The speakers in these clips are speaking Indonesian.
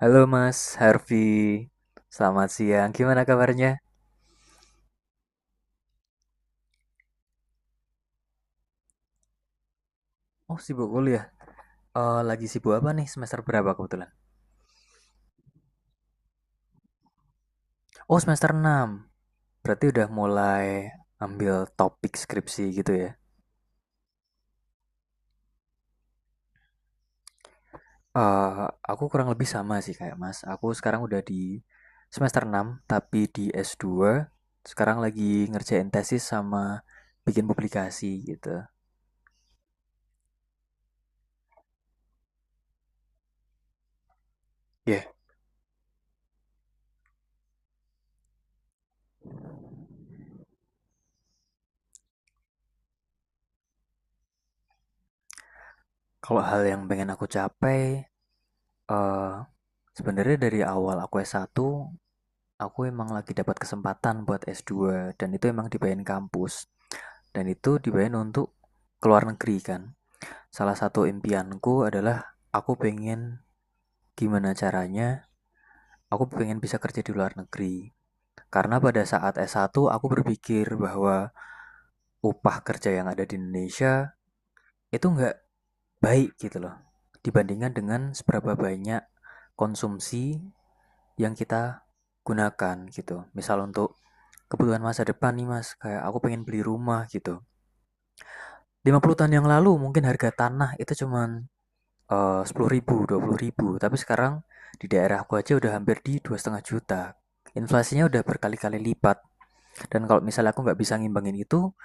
Halo Mas Harvey, selamat siang. Gimana kabarnya? Oh, sibuk kuliah. Lagi sibuk apa nih? Semester berapa kebetulan? Oh, semester 6. Berarti udah mulai ambil topik skripsi gitu ya. Eh, aku kurang lebih sama sih kayak Mas. Aku sekarang udah di semester 6, tapi di S2. Sekarang lagi ngerjain tesis sama bikin publikasi gitu. Ya, yeah. Kalau hal yang pengen aku capai, eh sebenarnya dari awal aku S1. Aku emang lagi dapat kesempatan buat S2 dan itu emang dibayarin kampus dan itu dibayarin untuk keluar negeri kan. Salah satu impianku adalah aku pengen gimana caranya aku pengen bisa kerja di luar negeri. Karena pada saat S1 aku berpikir bahwa upah kerja yang ada di Indonesia itu nggak baik gitu loh. Dibandingkan dengan seberapa banyak konsumsi yang kita gunakan gitu. Misal untuk kebutuhan masa depan nih Mas, kayak aku pengen beli rumah gitu. 50 tahun yang lalu mungkin harga tanah itu cuman 10.000, 20.000, tapi sekarang di daerah daerahku aja udah hampir di 2,5 juta. Inflasinya udah berkali-kali lipat, dan kalau misalnya aku nggak bisa ngimbangin itu,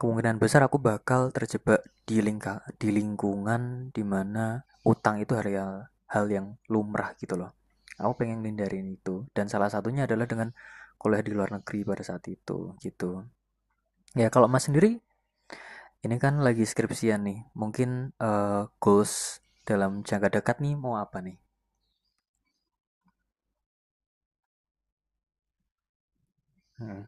kemungkinan besar aku bakal terjebak di lingkungan dimana utang itu hal hal yang lumrah gitu loh. Aku pengen hindarin itu, dan salah satunya adalah dengan kuliah di luar negeri pada saat itu gitu. Ya, kalau Mas sendiri ini kan lagi skripsian nih. Mungkin eh, goals dalam jangka dekat nih mau apa nih? Hmm,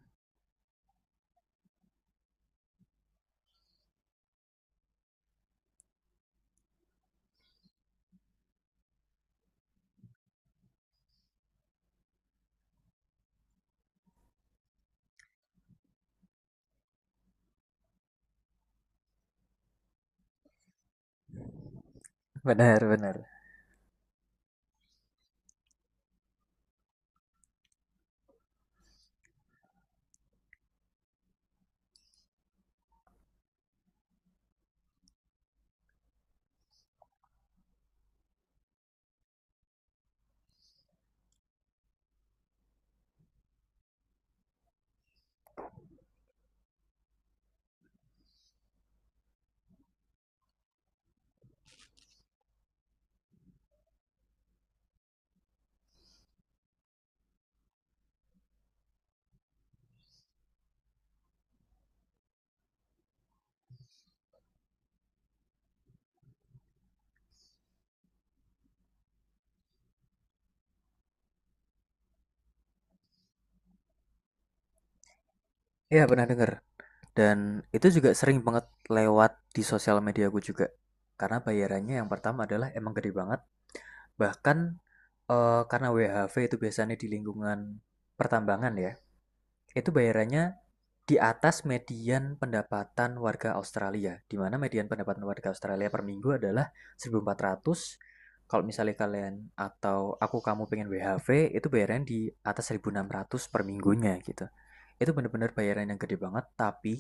benar, benar. Iya, pernah dengar. Dan itu juga sering banget lewat di sosial media aku juga. Karena bayarannya yang pertama adalah emang gede banget. Bahkan karena WHV itu biasanya di lingkungan pertambangan ya. Itu bayarannya di atas median pendapatan warga Australia, di mana median pendapatan warga Australia per minggu adalah 1.400. Kalau misalnya kalian atau aku kamu pengen WHV, itu bayaran di atas 1.600 per minggunya gitu. Itu benar-benar bayaran yang gede banget, tapi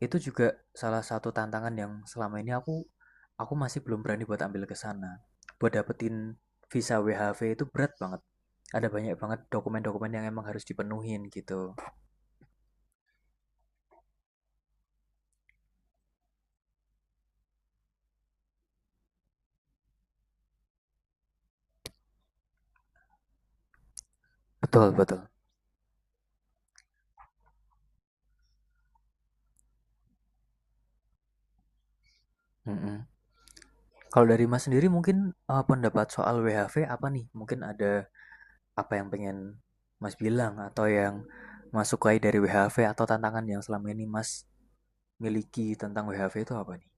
itu juga salah satu tantangan yang selama ini aku masih belum berani buat ambil ke sana. Buat dapetin visa WHV itu berat banget. Ada banyak banget dokumen-dokumen yang emang harus dipenuhin gitu. Betul, betul. Mm-mm. Kalau dari Mas sendiri mungkin, pendapat soal WHV apa nih? Mungkin ada apa yang pengen Mas bilang atau yang Mas sukai dari WHV atau tantangan yang selama ini Mas miliki tentang WHV itu apa nih?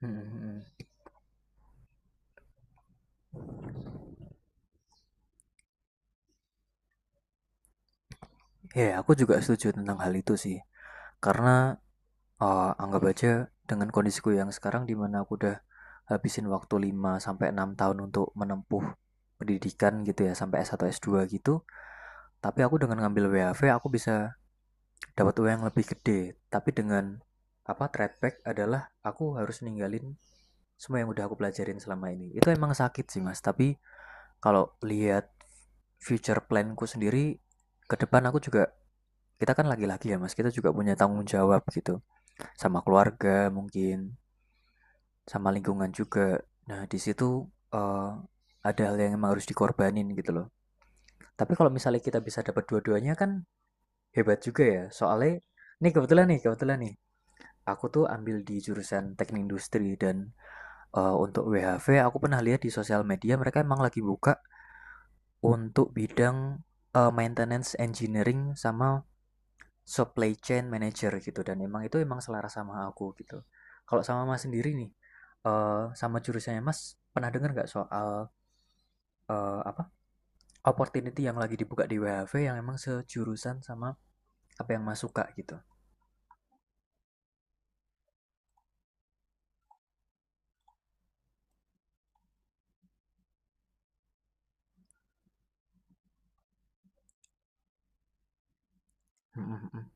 Mhm mhm. Ya, yeah, aku juga setuju tentang hal itu sih. Karena, anggap aja dengan kondisiku yang sekarang di mana aku udah habisin waktu 5 sampai 6 tahun untuk menempuh pendidikan gitu ya sampai S1 S2 gitu, tapi aku dengan ngambil WHV aku bisa dapat uang yang lebih gede tapi dengan apa trade back adalah aku harus ninggalin semua yang udah aku pelajarin selama ini itu emang sakit sih mas, tapi kalau lihat future planku sendiri ke depan aku juga kita kan laki-laki ya mas, kita juga punya tanggung jawab gitu sama keluarga mungkin sama lingkungan juga. Nah di situ eh, ada hal yang emang harus dikorbanin gitu loh, tapi kalau misalnya kita bisa dapat dua-duanya kan hebat juga ya soalnya nih kebetulan nih. Aku tuh ambil di jurusan teknik industri dan untuk WHV aku pernah lihat di sosial media mereka emang lagi buka untuk bidang maintenance engineering sama supply chain manager gitu dan emang itu emang selaras sama aku gitu. Kalau sama Mas sendiri nih, sama jurusannya Mas pernah dengar nggak soal eh, apa opportunity yang lagi dibuka di WHV yang emang sejurusan sama apa yang Mas suka gitu? Mm, mm, mm.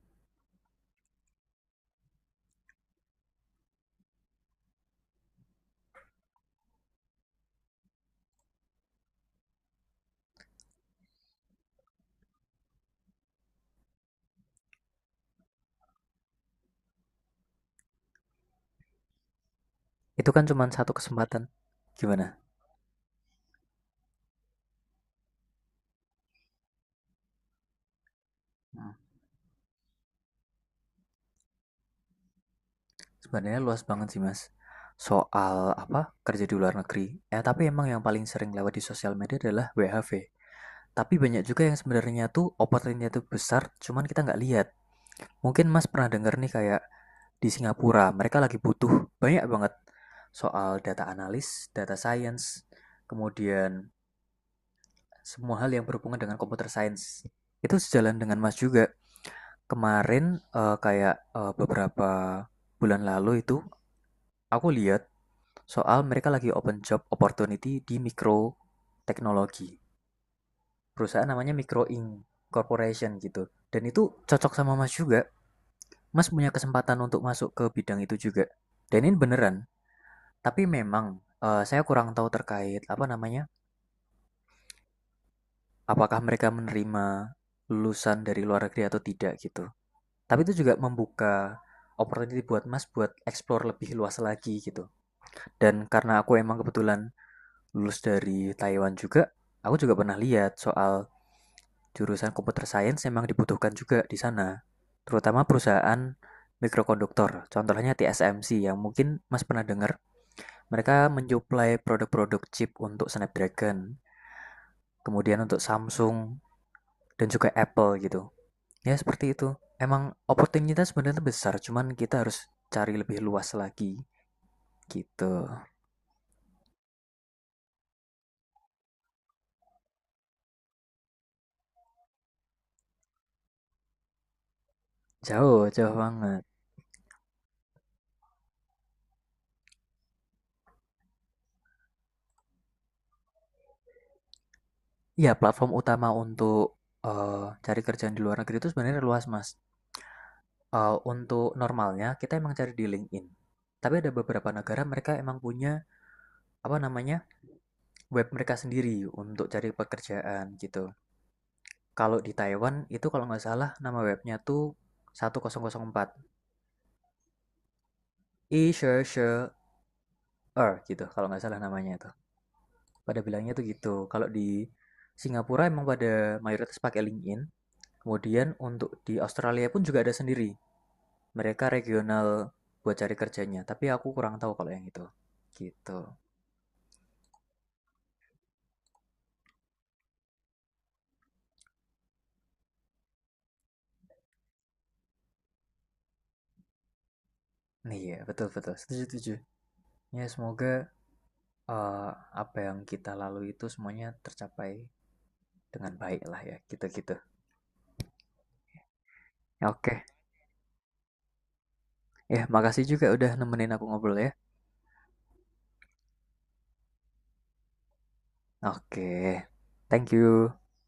Itu kan cuma satu kesempatan. Gimana? Sebenarnya luas banget sih Mas, soal apa, kerja di luar negeri. Ya tapi emang yang paling sering lewat di sosial media adalah WHV. Tapi banyak juga yang sebenarnya tuh opportunity-nya tuh besar, cuman kita nggak lihat. Mungkin Mas pernah denger nih kayak di Singapura, mereka lagi butuh banyak banget soal data analis, data science, kemudian semua hal yang berhubungan dengan computer science. Itu sejalan dengan Mas juga. Kemarin beberapa bulan lalu itu aku lihat soal mereka lagi open job opportunity di mikro teknologi. Perusahaan namanya Micro Inc. Corporation gitu. Dan itu cocok sama Mas juga. Mas punya kesempatan untuk masuk ke bidang itu juga. Dan ini beneran. Tapi memang saya kurang tahu terkait apa namanya. Apakah mereka menerima lulusan dari luar negeri atau tidak gitu. Tapi itu juga membuka opportunity buat Mas buat explore lebih luas lagi gitu. Dan karena aku emang kebetulan lulus dari Taiwan juga, aku juga pernah lihat soal jurusan computer science memang dibutuhkan juga di sana. Terutama perusahaan mikrokonduktor, contohnya TSMC yang mungkin Mas pernah dengar, mereka mensuplai produk-produk chip untuk Snapdragon, kemudian untuk Samsung dan juga Apple gitu. Ya seperti itu. Emang opportunitas sebenarnya besar, cuman kita harus cari lebih luas lagi gitu. Jauh, jauh banget. Iya, platform utama untuk cari kerjaan di luar negeri itu sebenarnya luas, Mas. Untuk normalnya kita emang cari di LinkedIn. Tapi ada beberapa negara mereka emang punya apa namanya web mereka sendiri untuk cari pekerjaan gitu. Kalau di Taiwan itu kalau nggak salah nama webnya tuh 1004 e gitu kalau nggak salah namanya itu. Pada bilangnya tuh gitu. Kalau di Singapura emang pada mayoritas pakai LinkedIn. Kemudian untuk di Australia pun juga ada sendiri mereka regional buat cari kerjanya, tapi aku kurang tahu kalau yang itu. Gitu. Iya betul-betul. Setuju, setuju. Ya, semoga eh, apa yang kita lalui itu semuanya tercapai dengan baik lah ya, gitu-gitu. Ya, oke, ya makasih juga udah nemenin aku ngobrol ya. Oke, thank you.